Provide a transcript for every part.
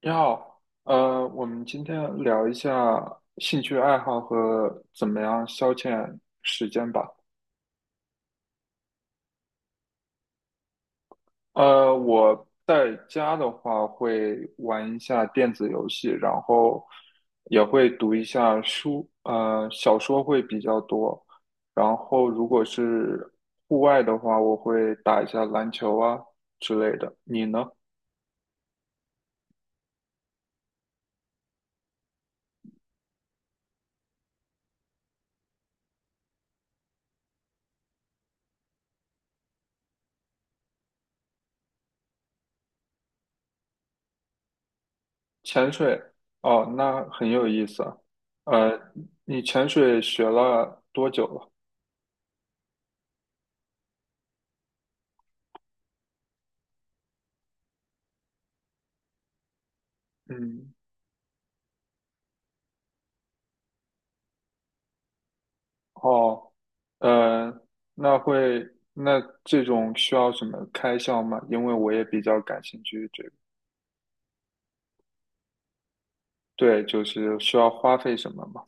你好，我们今天聊一下兴趣爱好和怎么样消遣时间吧。我在家的话会玩一下电子游戏，然后也会读一下书，小说会比较多。然后如果是户外的话，我会打一下篮球啊之类的。你呢？潜水？哦，那很有意思啊。呃，你潜水学了多久了？嗯。哦。呃，那这种需要什么开销吗？因为我也比较感兴趣这个。对，就是需要花费什么吗？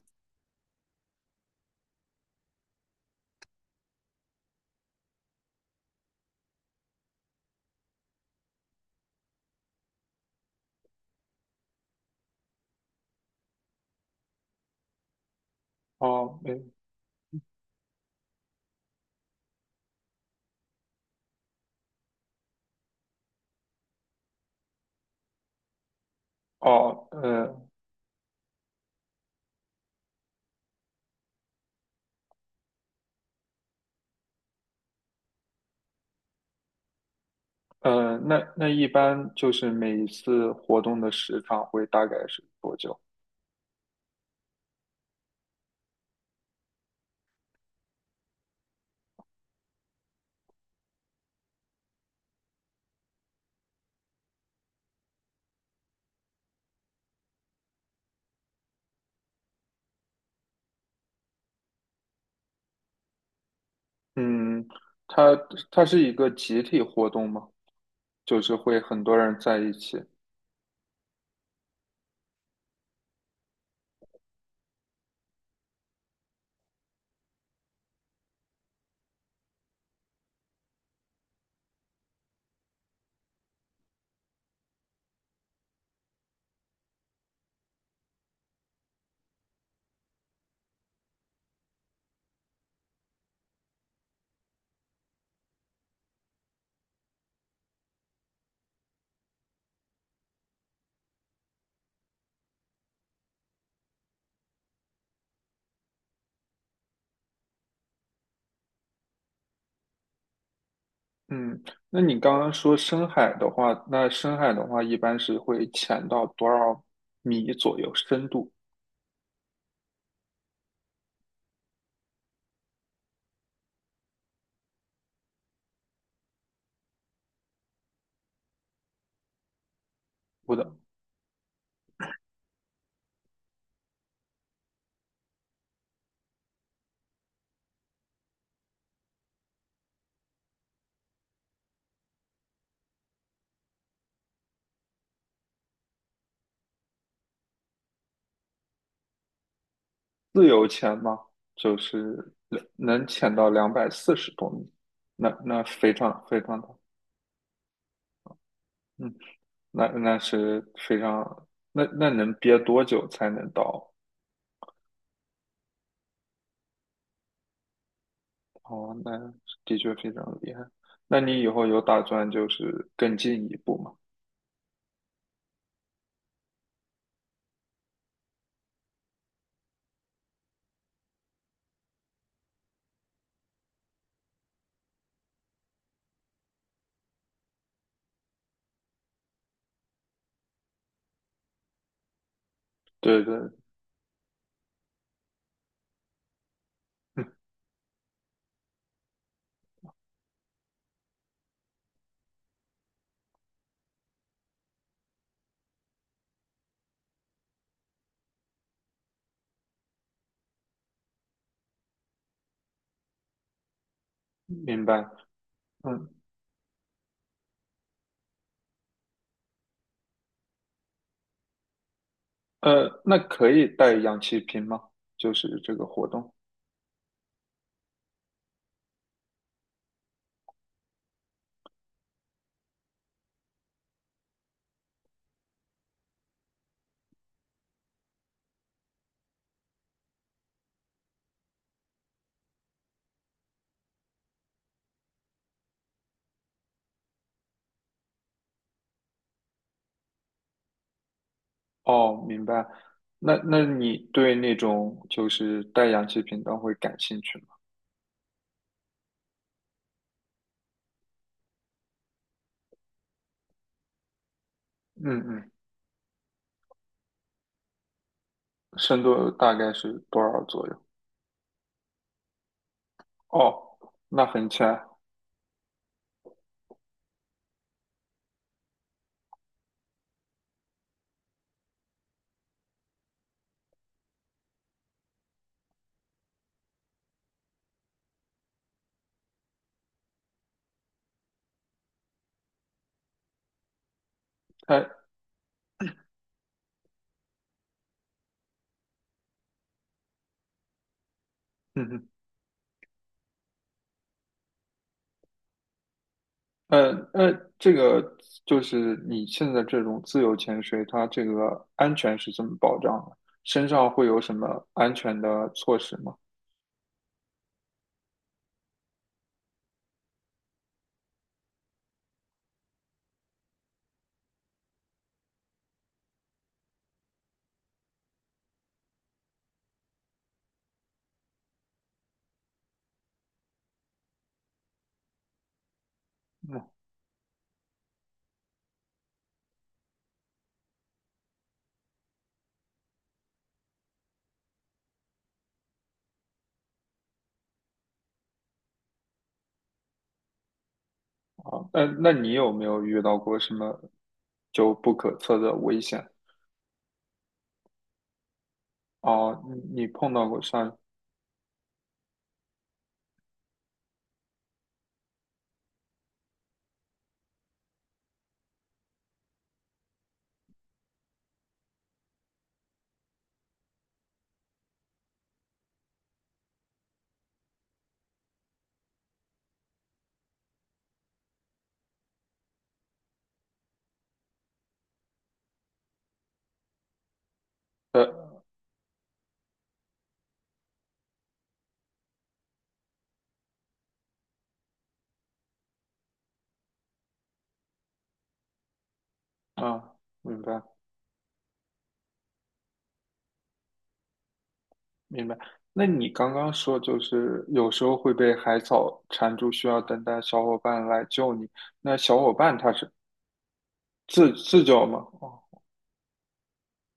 哦，没，哦，呃，那一般就是每一次活动的时长会大概是多久？嗯。它它是一个集体活动吗？就是会很多人在一起。嗯，那你刚刚说深海的话，那深海的话一般是会潜到多少米左右深度？不的。自由潜吗？就是能潜到240多米。那非常非常大。嗯，那是非常，那能憋多久才能到？哦，那的确非常厉害。那你以后有打算就是更进一步吗？对对。嗯，明白。嗯。那可以带氧气瓶吗？就是这个活动。哦，明白。那你对那种就是带氧气瓶的会感兴趣吗？嗯嗯。深度大概是多少左右？哦，那很浅。哎。嗯嗯，这个就是你现在这种自由潜水，它这个安全是怎么保障的？身上会有什么安全的措施吗？嗯。好，那你有没有遇到过什么就不可测的危险？哦，你碰到过上呃啊。明白明白。那你刚刚说就是有时候会被海草缠住，需要等待小伙伴来救你。那小伙伴他是自救吗？哦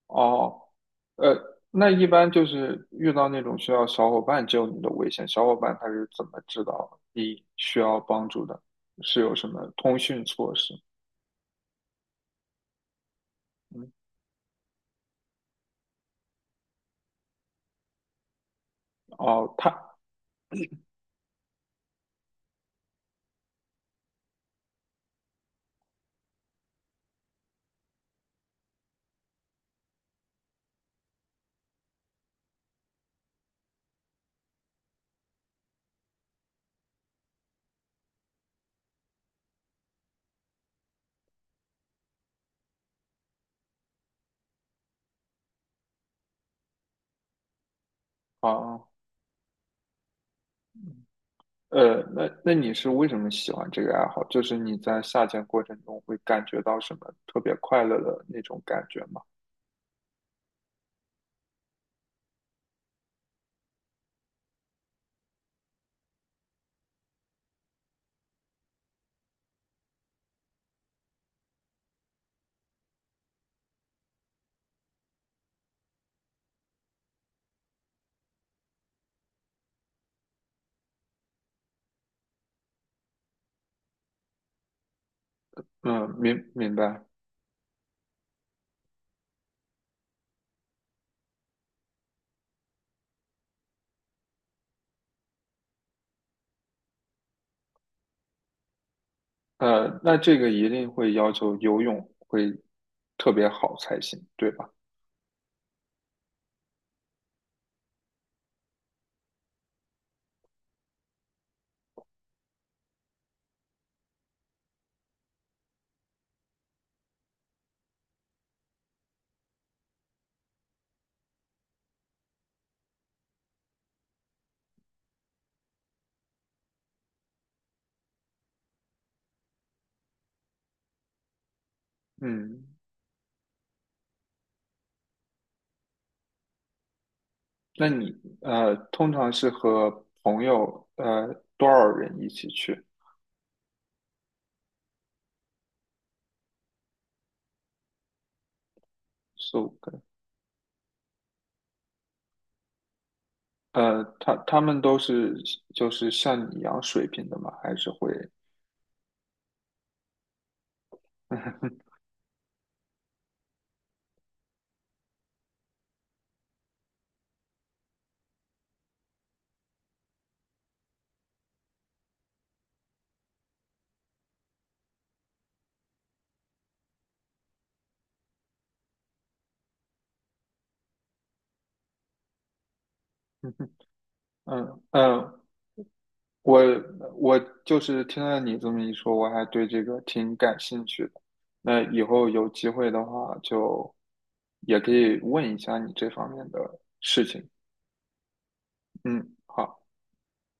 哦。呃，那一般就是遇到那种需要小伙伴救你的危险，小伙伴他是怎么知道你需要帮助的？是有什么通讯措施？嗯。哦。他哦。那你是为什么喜欢这个爱好？就是你在下潜过程中会感觉到什么特别快乐的那种感觉吗？嗯，明白。那这个一定会要求游泳会特别好才行，对吧？嗯，那你通常是和朋友多少人一起去？四五个人。他们都是就是像你一样水平的吗？还是会？嗯嗯。我我就是听了你这么一说，我还对这个挺感兴趣的。那以后有机会的话，就也可以问一下你这方面的事情。嗯，好。